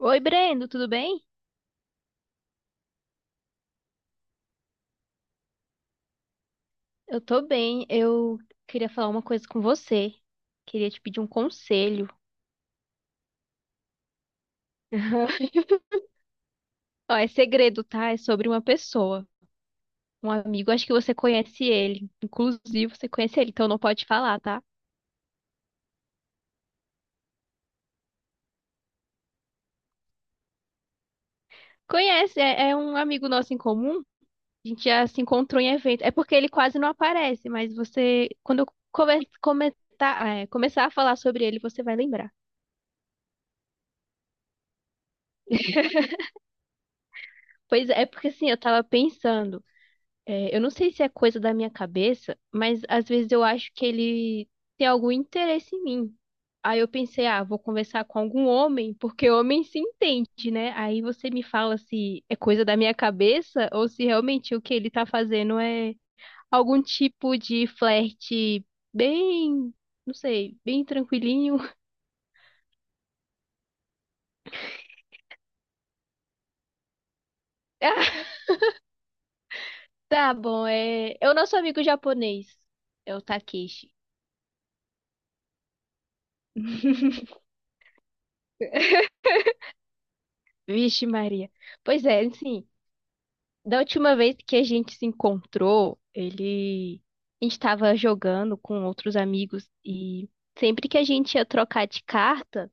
Oi, Brendo, tudo bem? Eu tô bem. Eu queria falar uma coisa com você. Queria te pedir um conselho. Ó, é segredo, tá? É sobre uma pessoa, um amigo. Acho que você conhece ele. Inclusive, você conhece ele, então não pode falar, tá? Conhece, é um amigo nosso em comum. A gente já se encontrou em evento. É porque ele quase não aparece, mas você, quando eu comentar, é, começar a falar sobre ele, você vai lembrar. Pois é, é porque assim, eu tava pensando. É, eu não sei se é coisa da minha cabeça, mas às vezes eu acho que ele tem algum interesse em mim. Aí eu pensei, ah, vou conversar com algum homem, porque homem se entende, né? Aí você me fala se é coisa da minha cabeça ou se realmente o que ele tá fazendo é algum tipo de flerte bem, não sei, bem tranquilinho. Ah, tá bom, é o nosso amigo japonês, é o Takeshi. Vixe, Maria. Pois é, sim. Da última vez que a gente se encontrou, ele. A gente estava jogando com outros amigos e sempre que a gente ia trocar de carta,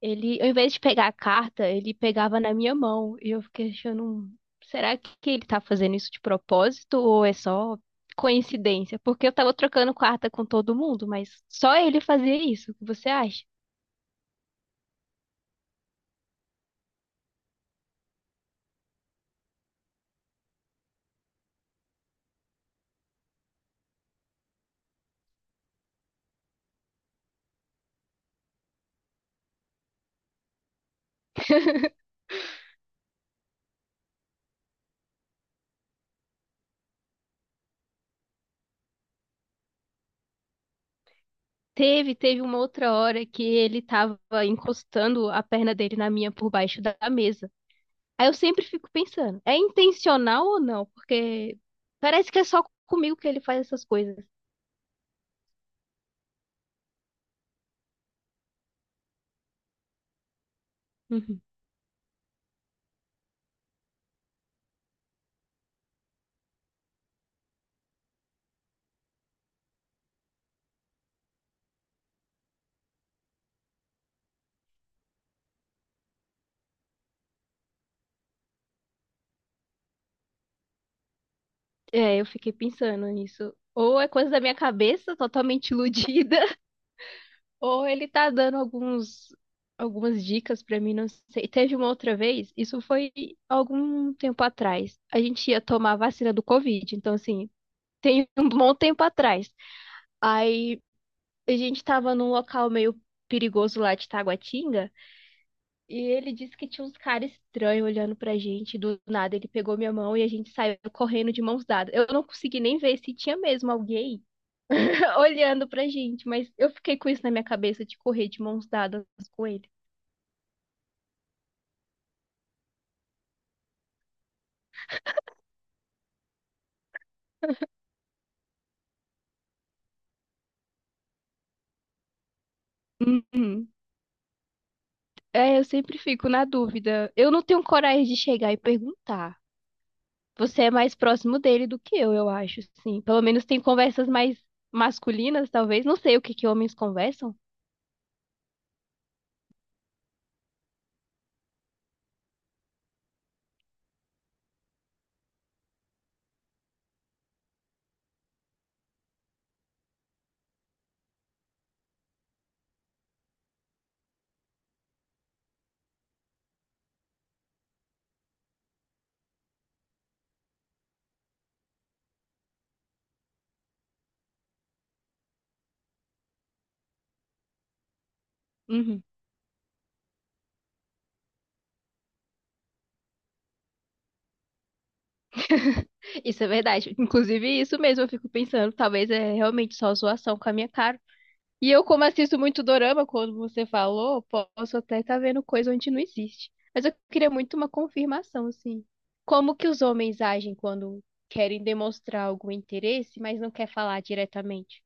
ele, ao invés de pegar a carta, ele pegava na minha mão. E eu fiquei achando, será que ele tá fazendo isso de propósito ou é só coincidência? Porque eu tava trocando carta com todo mundo, mas só ele fazia isso. O que você acha? Teve uma outra hora que ele tava encostando a perna dele na minha por baixo da mesa. Aí eu sempre fico pensando, é intencional ou não? Porque parece que é só comigo que ele faz essas coisas. Uhum. É, eu fiquei pensando nisso. Ou é coisa da minha cabeça, totalmente iludida, ou ele tá dando alguns, algumas dicas pra mim, não sei. Teve uma outra vez, isso foi algum tempo atrás. A gente ia tomar a vacina do Covid, então assim, tem um bom tempo atrás. Aí a gente tava num local meio perigoso lá de Taguatinga. E ele disse que tinha uns caras estranhos olhando pra gente. Do nada, ele pegou minha mão e a gente saiu correndo de mãos dadas. Eu não consegui nem ver se tinha mesmo alguém olhando pra gente, mas eu fiquei com isso na minha cabeça de correr de mãos dadas com ele. Uhum. É, eu sempre fico na dúvida. Eu não tenho coragem de chegar e perguntar. Você é mais próximo dele do que eu acho, sim. Pelo menos tem conversas mais masculinas, talvez. Não sei o que que homens conversam. Uhum. Isso é verdade. Inclusive, isso mesmo, eu fico pensando, talvez é realmente só zoação com a minha cara. E eu, como assisto muito dorama, quando você falou, posso até estar vendo coisa onde não existe. Mas eu queria muito uma confirmação, assim. Como que os homens agem quando querem demonstrar algum interesse, mas não quer falar diretamente?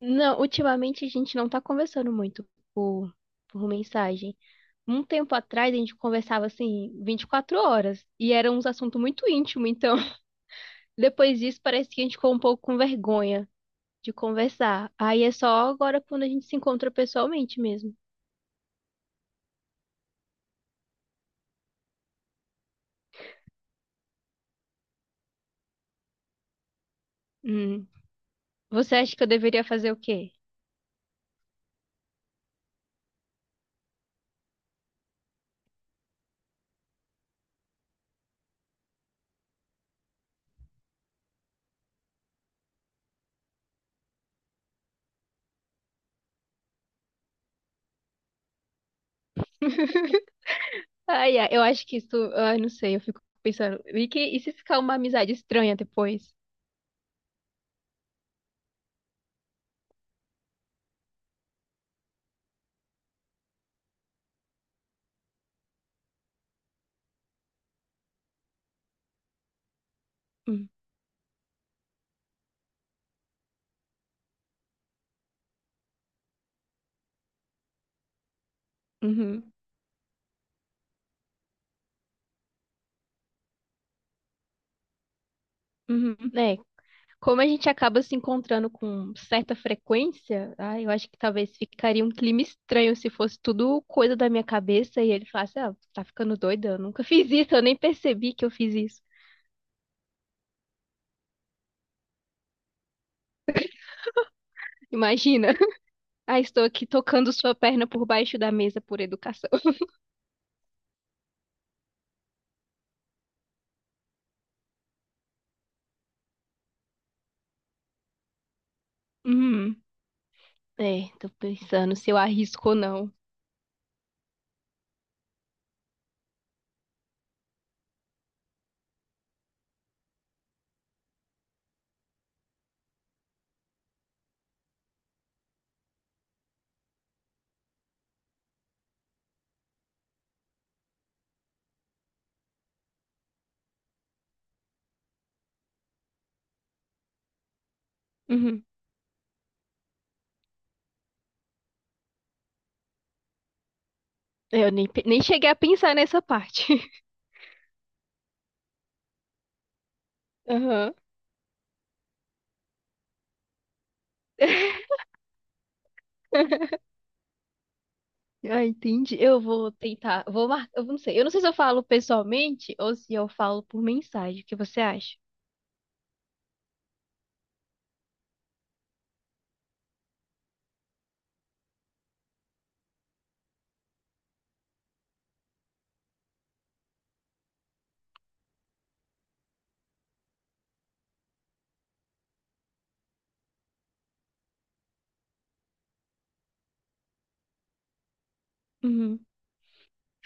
Não, ultimamente a gente não tá conversando muito por, por mensagem. Um tempo atrás a gente conversava assim 24 horas e era um assunto muito íntimo, então depois disso parece que a gente ficou um pouco com vergonha de conversar. Aí é só agora quando a gente se encontra pessoalmente mesmo. Hum. Você acha que eu deveria fazer o quê? Ai, ai, eu acho que isso, ai, não sei, eu fico pensando, e, que, e se ficar uma amizade estranha depois? Hum. Uhum. Uhum. Como a gente acaba se encontrando com certa frequência, ah, eu acho que talvez ficaria um clima estranho se fosse tudo coisa da minha cabeça e ele falasse, ah, tá ficando doida, eu nunca fiz isso, eu nem percebi que eu fiz isso. Imagina. Ah, estou aqui tocando sua perna por baixo da mesa por educação. Hum, é, tô pensando se eu arrisco ou não. Uhum. Eu nem, nem cheguei a pensar nessa parte. Aham. Ah, entendi. Eu vou tentar. Vou marcar. Eu não sei. Eu não sei se eu falo pessoalmente ou se eu falo por mensagem. O que você acha? Uhum.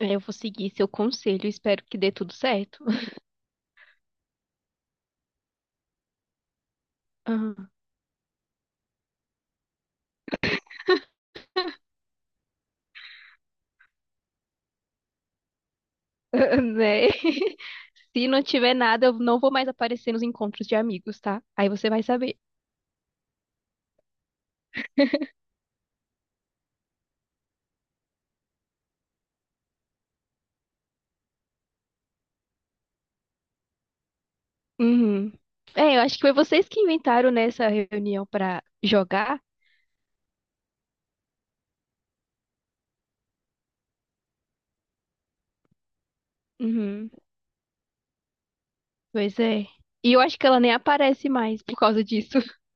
É, eu vou seguir seu conselho. Espero que dê tudo certo. Aham. Né? Se não tiver nada, eu não vou mais aparecer nos encontros de amigos, tá? Aí você vai saber. Uhum. É, eu acho que foi vocês que inventaram nessa reunião pra jogar. Uhum. Pois é. E eu acho que ela nem aparece mais por causa disso.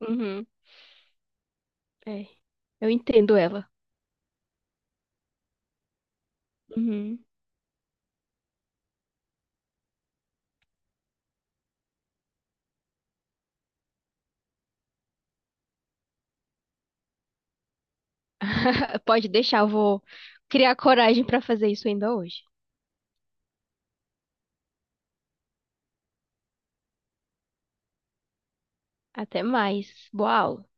Uhum. É. Eu entendo ela. Uhum. Pode deixar, eu vou criar coragem pra fazer isso ainda hoje. Até mais. Boa aula.